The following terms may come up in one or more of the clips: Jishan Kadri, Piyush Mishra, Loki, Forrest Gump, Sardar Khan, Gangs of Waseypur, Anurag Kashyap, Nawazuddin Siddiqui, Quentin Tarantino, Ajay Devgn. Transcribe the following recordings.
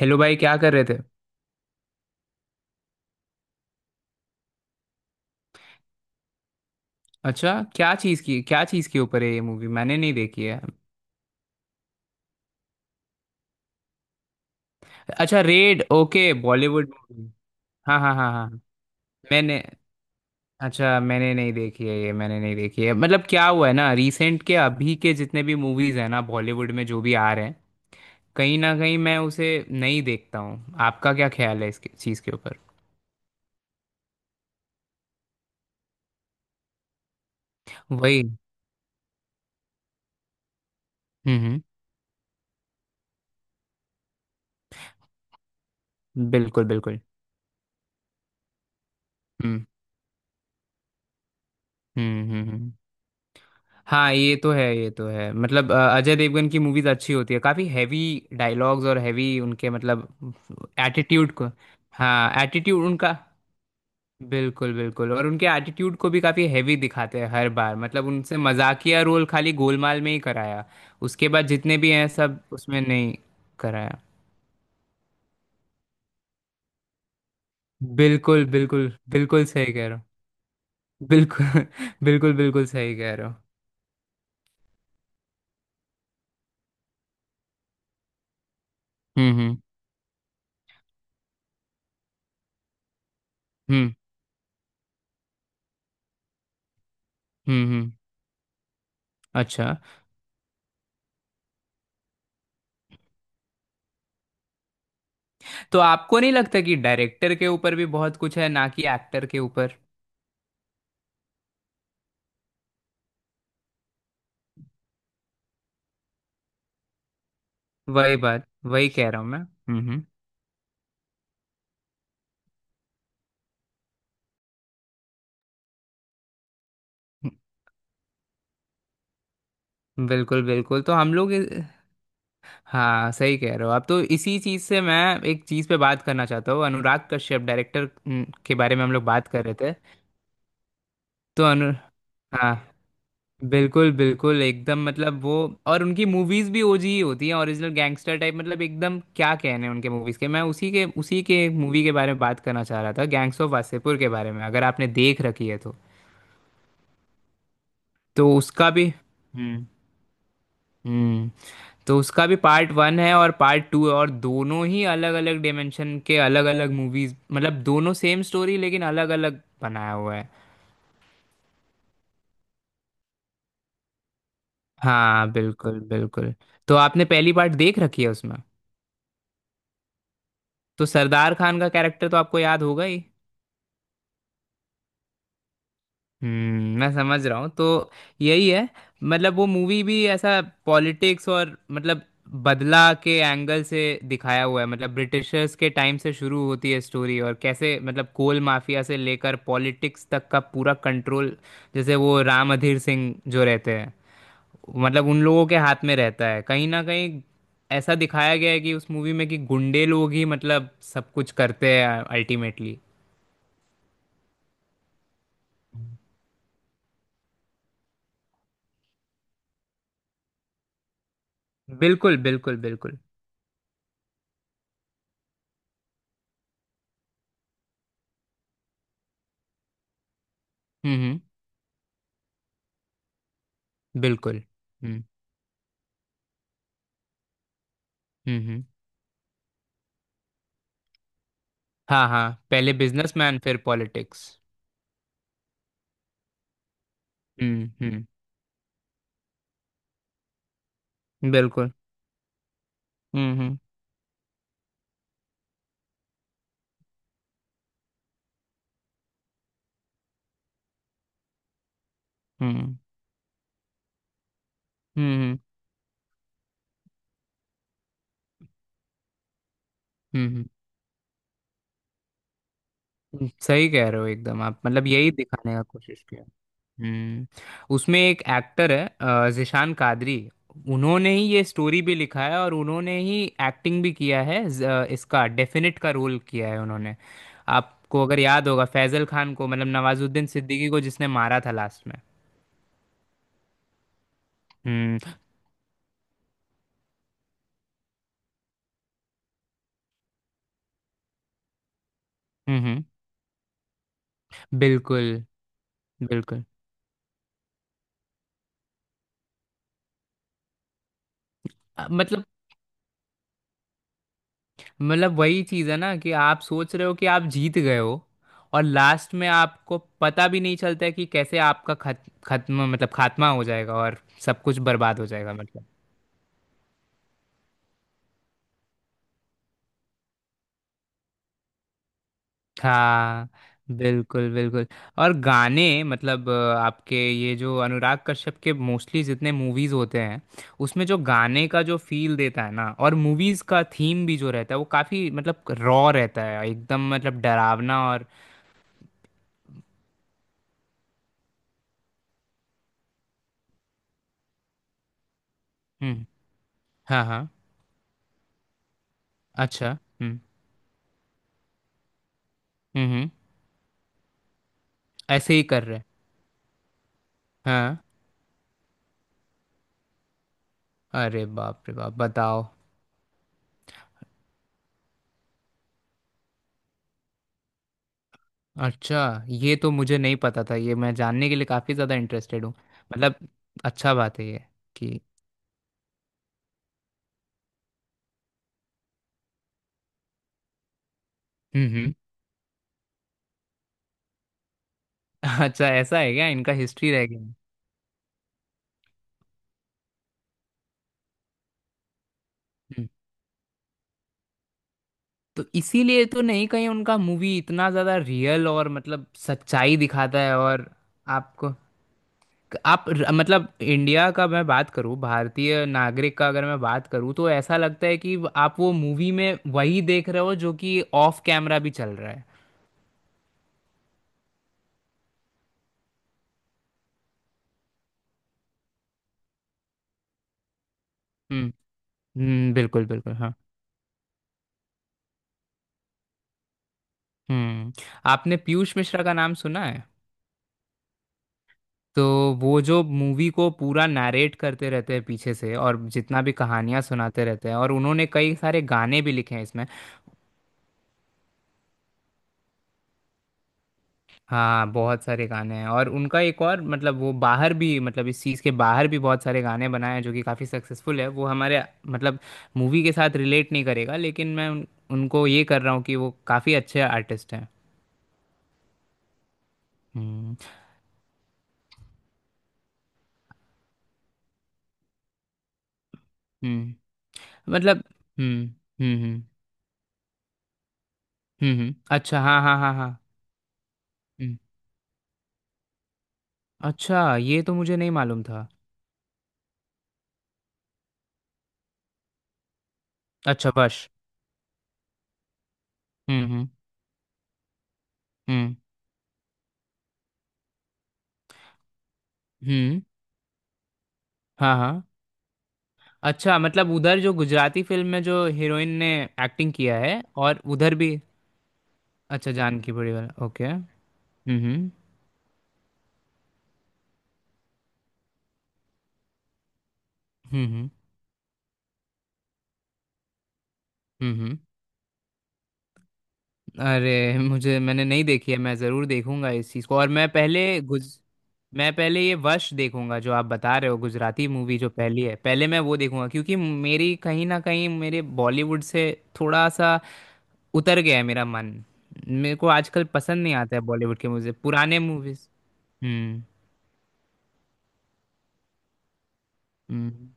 Hello भाई, क्या कर रहे थे? अच्छा, क्या चीज़ के ऊपर है ये मूवी? मैंने नहीं देखी है। अच्छा, रेड, ओके, बॉलीवुड मूवी। हाँ, हाँ, हाँ, हाँ। मैंने अच्छा, मैंने नहीं देखी है, मतलब क्या हुआ है ना, रिसेंट के अभी के जितने भी मूवीज़ हैं ना बॉलीवुड में, जो भी आ रहे हैं, कहीं ना कहीं मैं उसे नहीं देखता हूँ। आपका क्या ख्याल है इस चीज़ के ऊपर? वही। हम्म, हम्म। बिल्कुल, बिल्कुल। हम्म, हम्म, हम्म, हाँ, ये तो है, ये तो है। मतलब अजय देवगन की मूवीज अच्छी होती है, काफी हैवी डायलॉग्स और हैवी उनके मतलब एटीट्यूड को। हाँ, एटीट्यूड उनका। बिल्कुल, बिल्कुल। और उनके एटीट्यूड को भी काफी हैवी दिखाते हैं हर बार। मतलब उनसे मजाकिया रोल खाली गोलमाल में ही कराया। उसके बाद जितने भी हैं, सब उसमें नहीं कराया। बिल्कुल, बिल्कुल, बिल्कुल सही कह रहे हो। बिल्कुल बिल्कुल, बिल्कुल सही कह रहे हो। हम्म, हम्म, हम्म, हम्म, हम्म। अच्छा, तो आपको नहीं लगता कि डायरेक्टर के ऊपर भी बहुत कुछ है, ना कि एक्टर के ऊपर? वही बात वही कह रहा हूँ मैं। हम्म, हम्म। बिल्कुल, बिल्कुल। हाँ, सही कह रहे हो आप। तो इसी चीज़ से मैं एक चीज़ पे बात करना चाहता हूँ, अनुराग कश्यप डायरेक्टर के बारे में हम लोग बात कर रहे थे। तो अनु हाँ, बिल्कुल, बिल्कुल एकदम, मतलब वो। और उनकी मूवीज भी ओजी ही होती हैं, ओरिजिनल गैंगस्टर टाइप, मतलब एकदम क्या कहने उनके मूवीज के। मैं उसी के मूवी के बारे में बात करना चाह रहा था, गैंग्स ऑफ वासेपुर के बारे में, अगर आपने देख रखी है तो। हम्म, हम्म। तो उसका भी पार्ट 1 है और पार्ट 2 है, और दोनों ही अलग अलग डिमेंशन के अलग अलग मूवीज। मतलब दोनों सेम स्टोरी, लेकिन अलग अलग बनाया हुआ है। हाँ, बिल्कुल, बिल्कुल। तो आपने पहली पार्ट देख रखी है उसमें? तो सरदार खान का कैरेक्टर तो आपको याद होगा ही। मैं समझ रहा हूँ तो। यही है, मतलब वो मूवी भी ऐसा पॉलिटिक्स और मतलब बदला के एंगल से दिखाया हुआ है। मतलब ब्रिटिशर्स के टाइम से शुरू होती है स्टोरी, और कैसे मतलब कोल माफिया से लेकर पॉलिटिक्स तक का पूरा कंट्रोल, जैसे वो राम अधीर सिंह जो रहते हैं, मतलब उन लोगों के हाथ में रहता है कहीं ना कहीं। ऐसा दिखाया गया है कि उस मूवी में कि गुंडे लोग ही मतलब सब कुछ करते हैं अल्टीमेटली। बिल्कुल, बिल्कुल, बिल्कुल। हम्म, हम्म। बिल्कुल। हम्म, हम्म, हम्म। हाँ, हाँ, पहले बिजनेसमैन फिर पॉलिटिक्स। हम्म, हम्म। बिल्कुल। हम्म, हम्म, हम्म, हम्म, हम्म, सही कह रहे हो एकदम आप। मतलब यही दिखाने का कोशिश किया। हम्म उसमें एक एक्टर है, जिशान कादरी। उन्होंने ही ये स्टोरी भी लिखा है और उन्होंने ही एक्टिंग भी किया है। इसका डेफिनेट का रोल किया है उन्होंने। आपको अगर याद होगा फैजल खान को, मतलब नवाजुद्दीन सिद्दीकी को, जिसने मारा था लास्ट में। हम्म, हम्म, बिल्कुल, बिल्कुल। अ, मतलब मतलब वही चीज़ है ना कि आप सोच रहे हो कि आप जीत गए हो। और लास्ट में आपको पता भी नहीं चलता है कि कैसे आपका खत खत्म, मतलब खात्मा हो जाएगा, और सब कुछ बर्बाद हो जाएगा मतलब। हाँ, बिल्कुल, बिल्कुल। और गाने, मतलब आपके ये जो अनुराग कश्यप के मोस्टली जितने मूवीज होते हैं, उसमें जो गाने का जो फील देता है ना, और मूवीज का थीम भी जो रहता है, वो काफी मतलब रॉ रहता है एकदम, मतलब डरावना और। हम्म। हाँ, हाँ। अच्छा। हम्म, हम्म, हम्म। ऐसे ही कर रहे हैं। हाँ, अरे बाप रे बाप, बताओ। अच्छा, ये तो मुझे नहीं पता था। ये मैं जानने के लिए काफी ज्यादा इंटरेस्टेड हूँ। मतलब, अच्छा बात है ये, कि हम्म हम्म अच्छा, ऐसा है क्या इनका हिस्ट्री रह गया? हम्म, तो इसीलिए तो नहीं कहीं उनका मूवी इतना ज्यादा रियल और मतलब सच्चाई दिखाता है और, आपको आप, मतलब इंडिया का मैं बात करूं, भारतीय नागरिक का अगर मैं बात करूं, तो ऐसा लगता है कि आप वो मूवी में वही देख रहे हो जो कि ऑफ कैमरा भी चल रहा है। हम्म, हम्म। बिल्कुल, बिल्कुल, हाँ। हम्म। आपने पीयूष मिश्रा का नाम सुना है? तो वो जो मूवी को पूरा नरेट करते रहते हैं पीछे से, और जितना भी कहानियां सुनाते रहते हैं, और उन्होंने कई सारे गाने भी लिखे हैं इसमें। हाँ, बहुत सारे गाने हैं, और उनका एक और मतलब वो बाहर भी, मतलब इस चीज़ के बाहर भी बहुत सारे गाने बनाए हैं जो कि काफ़ी सक्सेसफुल है। वो हमारे, मतलब मूवी के साथ रिलेट नहीं करेगा, लेकिन मैं उनको ये कर रहा हूँ कि वो काफ़ी अच्छे आर्टिस्ट हैं। हम्म, हम्म। मतलब। हम्म, हम्म, हम्म, हम्म, अच्छा। हाँ, हाँ, हाँ, हाँ। हम्म, अच्छा, ये तो मुझे नहीं मालूम था। अच्छा, बस। हम्म, हम्म, हम्म, हम्म, हाँ, हाँ। अच्छा, मतलब उधर जो गुजराती फिल्म में जो हीरोइन ने एक्टिंग किया है, और उधर भी? अच्छा, जान की बड़ी वाला, ओके। हम्म, हम्म, हम्म, हम्म, हम्म। अरे, मुझे मैंने नहीं देखी है। मैं ज़रूर देखूंगा इस चीज़ को। और मैं पहले ये वश देखूंगा, जो आप बता रहे हो गुजराती मूवी जो पहली है, पहले मैं वो देखूंगा। क्योंकि मेरी कहीं ना कहीं मेरे बॉलीवुड से थोड़ा सा उतर गया है मेरा मन। मेरे को आजकल पसंद नहीं आता है बॉलीवुड के मूवीज, पुराने मूवीज। हम्म, हम्म।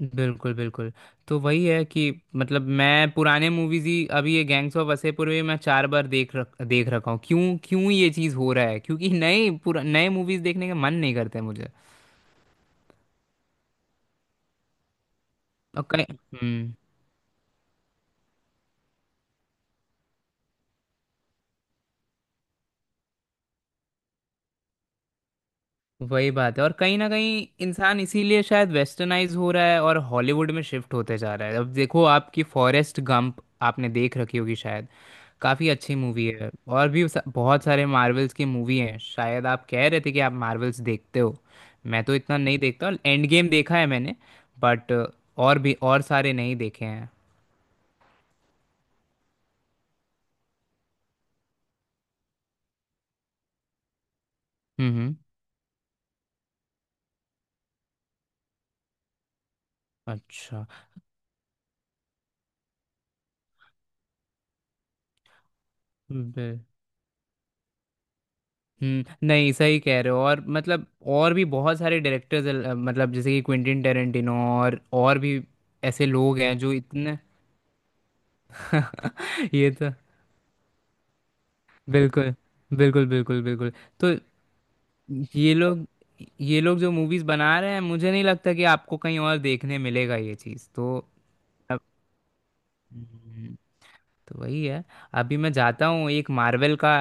बिल्कुल, बिल्कुल। तो वही है कि, मतलब मैं पुराने मूवीज ही। अभी ये गैंग्स ऑफ वासेपुर भी मैं 4 बार देख रखा हूँ। क्यों, क्यों ये चीज़ हो रहा है? क्योंकि नए मूवीज देखने का मन नहीं करता है मुझे। और कहीं हम्म वही बात है, और कहीं ना कहीं इंसान इसीलिए शायद वेस्टर्नाइज हो रहा है और हॉलीवुड में शिफ्ट होते जा रहा है। अब देखो आपकी फॉरेस्ट गंप, आपने देख रखी होगी शायद, काफ़ी अच्छी मूवी है। और भी बहुत सारे मार्वल्स की मूवी हैं, शायद आप कह रहे थे कि आप मार्वल्स देखते हो। मैं तो इतना नहीं देखता। एंड गेम देखा है मैंने, बट और भी सारे नहीं देखे हैं। हम्म, अच्छा। नहीं, सही कह रहे हो। और मतलब और भी बहुत सारे डायरेक्टर्स, मतलब जैसे कि क्विंटिन टेरेंटिनो, और भी ऐसे लोग हैं जो इतने। ये तो। बिल्कुल, बिल्कुल, बिल्कुल, बिल्कुल। तो ये लोग ये लोग जो मूवीज बना रहे हैं, मुझे नहीं लगता कि आपको कहीं और देखने मिलेगा ये चीज़ तो। अब, हम्म, तो वही है। अभी मैं जाता हूँ एक मार्वल का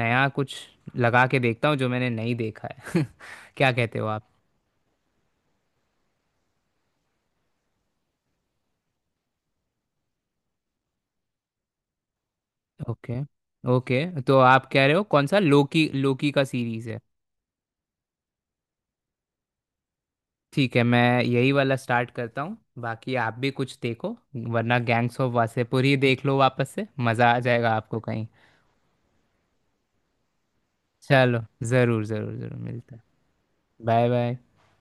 नया कुछ लगा के देखता हूँ जो मैंने नहीं देखा है। क्या कहते हो आप? ओके, ओके, तो आप कह रहे हो कौन सा? लोकी, लोकी का सीरीज है? ठीक है, मैं यही वाला स्टार्ट करता हूँ। बाकी आप भी कुछ देखो, वरना गैंग्स ऑफ वासेपुर ही देख लो वापस से, मज़ा आ जाएगा आपको कहीं। चलो, ज़रूर, ज़रूर, ज़रूर मिलते हैं। Bye, bye.